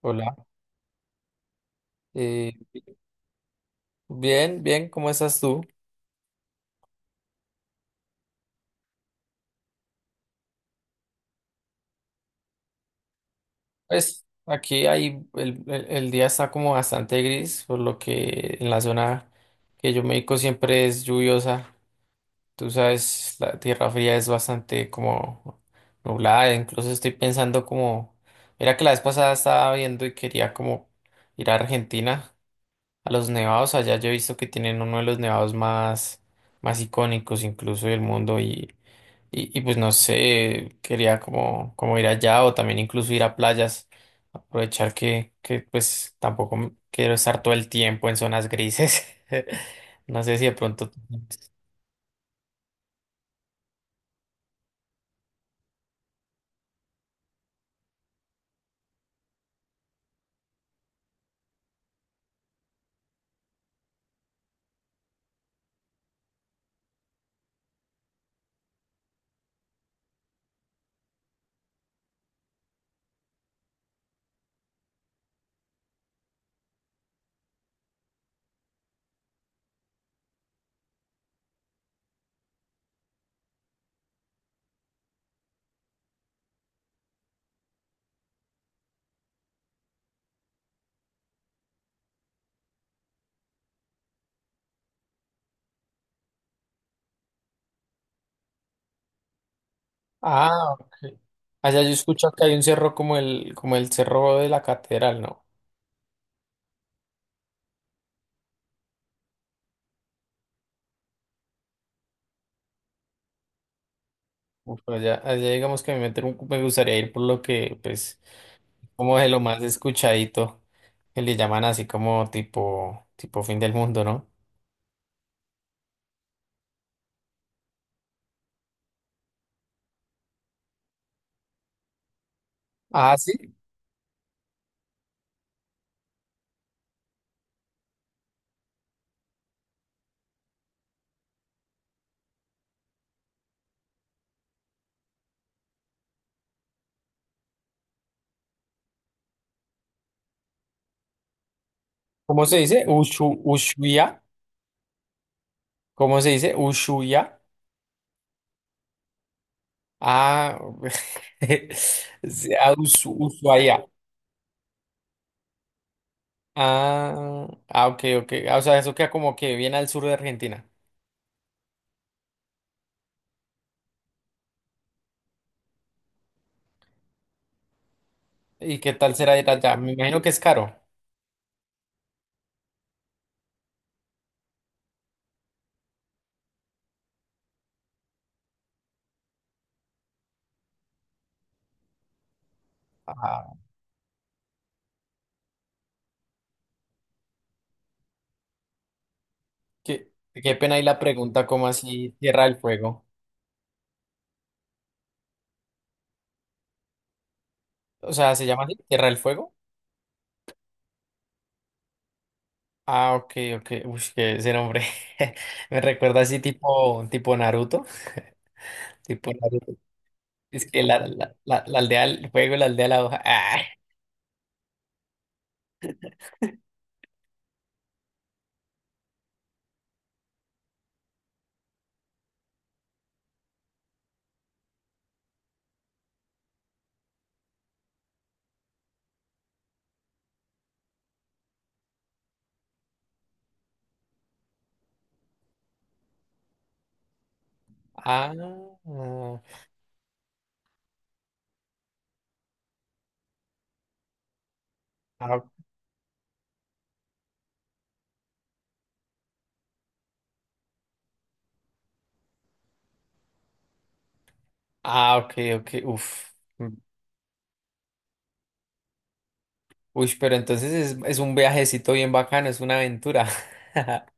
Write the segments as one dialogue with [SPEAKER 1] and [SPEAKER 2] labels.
[SPEAKER 1] Hola, eh, bien, bien, ¿cómo estás tú? Pues aquí hay, el día está como bastante gris, por lo que en la zona que yo me dedico siempre es lluviosa. Tú sabes, la tierra fría es bastante como nublada, incluso estoy pensando mira que la vez pasada estaba viendo y quería como ir a Argentina, a los nevados allá, yo he visto que tienen uno de los nevados más, más icónicos incluso del mundo. Y pues no sé, quería como, como ir allá o también incluso ir a playas, aprovechar que pues tampoco me- quiero estar todo el tiempo en zonas grises. No sé si de pronto tú tienes- Ah, ok. Allá yo escucho que hay un cerro como el cerro de la Catedral, ¿no? Uf, allá, allá digamos que me, meter un- me gustaría ir por lo que, pues, como de lo más escuchadito, que le llaman así como tipo, tipo fin del mundo, ¿no? Ah, sí. ¿Cómo se dice? Ushu, Ushuaia. ¿Cómo se dice? Ushuaia. Ah, sí, ah, Usu- Ushuaia. Ah, ah, ok, ok. Ah, o sea, eso queda como que bien al sur de Argentina. ¿Y qué tal será ir allá? Me imagino que es caro. Ah, qué, qué pena ahí la pregunta, ¿cómo así Tierra del Fuego? O sea, ¿se llama así? ¿Tierra del Fuego? Ah, ok, ok. Uy, que ese nombre me recuerda así tipo, tipo Naruto. Tipo Naruto. Es que la aldea del fuego, la aldea de la hoja. Ah, ah. Ah, ah, ok, ok, uf. Mm. Uy, pero entonces es un viajecito bien bacano, es una aventura.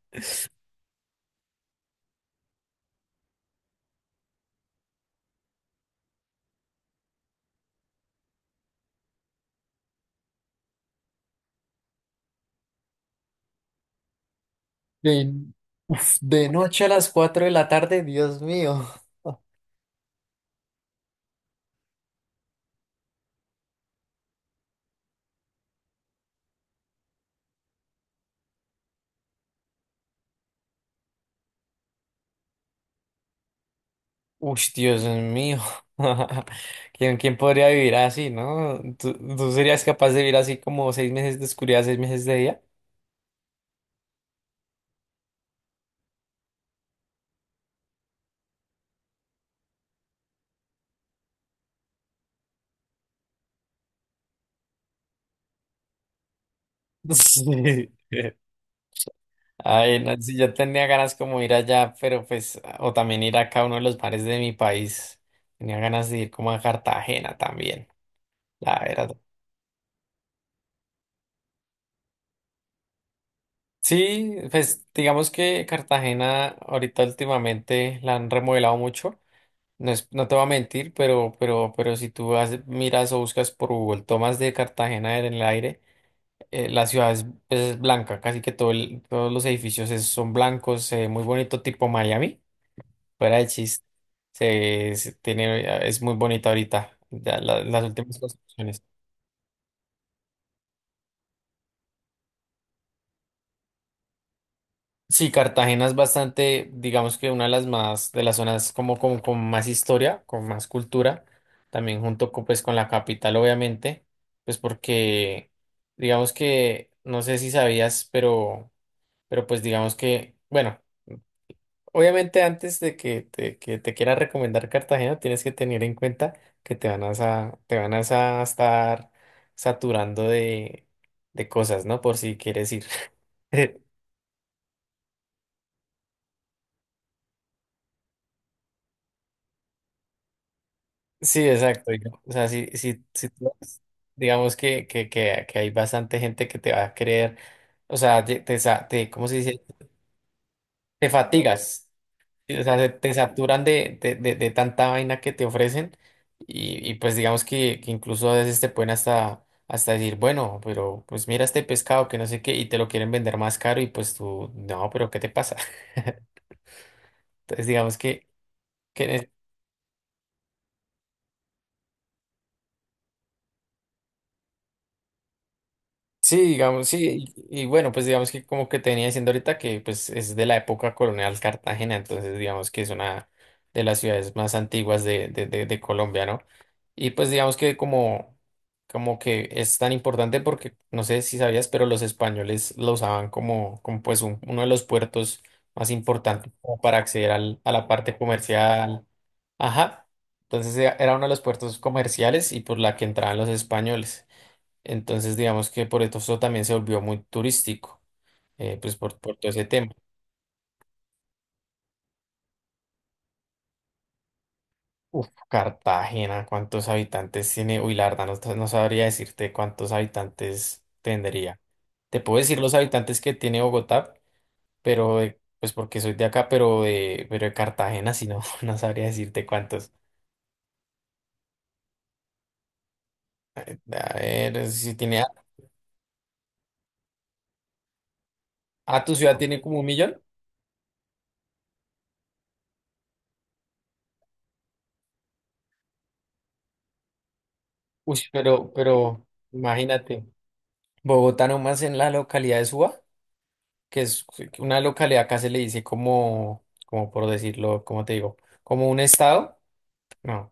[SPEAKER 1] De, uf, de noche a las 4 de la tarde, Dios mío. Uy, Dios mío. ¿Quién, quién podría vivir así, no? ¿Tú, tú serías capaz de vivir así como 6 meses de oscuridad, 6 meses de día? Sí. Ay, no, sí, yo tenía ganas como ir allá, pero pues, o también ir acá a uno de los bares de mi país. Tenía ganas de ir como a Cartagena también, la verdad. Sí, pues digamos que Cartagena ahorita últimamente la han remodelado mucho. No es, no te voy a mentir, pero, pero si tú vas- miras o buscas por Google tomas de Cartagena en el aire, la ciudad es, pues, es blanca, casi que todo el- todos los edificios es- son blancos, muy bonito, tipo Miami. Fuera de chiste, se tiene, es muy bonita ahorita, ya la- las últimas construcciones. Sí, Cartagena es bastante, digamos que una de las más, de las zonas como, como con más historia, con más cultura, también junto con, pues, con la capital, obviamente, pues porque, digamos que, no sé si sabías, pero pues digamos que, bueno. Obviamente antes de que te quiera recomendar Cartagena, tienes que tener en cuenta que te van a, sa- te van a sa- estar saturando de cosas, ¿no? Por si quieres ir. Sí, exacto. Yo- o sea, si tú vas, digamos que hay bastante gente que te va a querer, o sea, te, sa- te- ¿cómo se dice? Te fatigas. O sea, se- te saturan de tanta vaina que te ofrecen y pues digamos que incluso a veces te pueden hasta, hasta decir, bueno, pero pues mira este pescado que no sé qué y te lo quieren vender más caro y pues tú, no, pero ¿qué te pasa? Entonces digamos que en... Sí, digamos, sí, y bueno, pues digamos que como que te venía diciendo ahorita que pues es de la época colonial Cartagena, entonces digamos que es una de las ciudades más antiguas de Colombia, ¿no? Y pues digamos que como, como que es tan importante porque no sé si sabías, pero los españoles lo usaban como, como pues un- uno de los puertos más importantes como para acceder al, a la parte comercial. Ajá, entonces era uno de los puertos comerciales y por la que entraban los españoles. Entonces, digamos que por eso también se volvió muy turístico, pues por todo ese tema. Uf, Cartagena, ¿cuántos habitantes tiene? Uy, la verdad, no, sa- no sabría decirte cuántos habitantes tendría. Te puedo decir los habitantes que tiene Bogotá, pero pues porque soy de acá, pero de Cartagena, si no, no sabría decirte cuántos. A ver, si tiene... a- Ah, tu ciudad tiene como 1 millón. Uy, pero imagínate, Bogotá nomás en la localidad de Suba, que es una localidad, acá se le dice como, como por decirlo, como te digo, como un estado. No,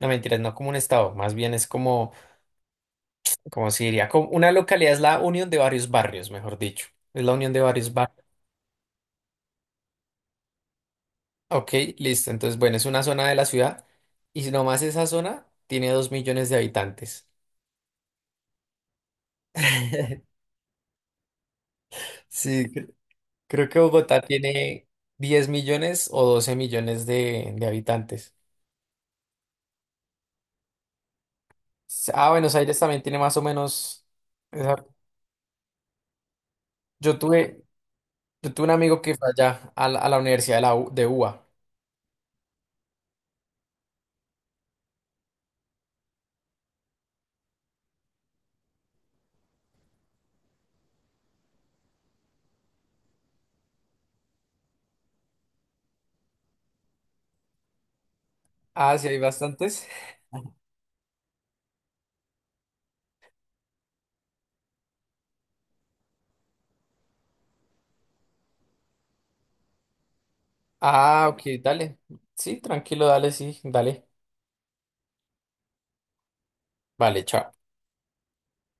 [SPEAKER 1] no mentiras, no como un estado, más bien es como, como se diría, como una localidad es la unión de varios barrios, mejor dicho, es la unión de varios barrios. Ok, listo, entonces bueno, es una zona de la ciudad y si nomás esa zona tiene 2 millones de habitantes. Sí, cre- creo que Bogotá tiene 10 millones o 12 millones de habitantes. Ah, Buenos Aires también tiene más o menos. Yo tuve, yo tuve un amigo que fue allá a la Universidad de, la U- de UBA. Ah, sí, hay bastantes. Ah, ok, dale. Sí, tranquilo, dale, sí, dale. Vale, chao.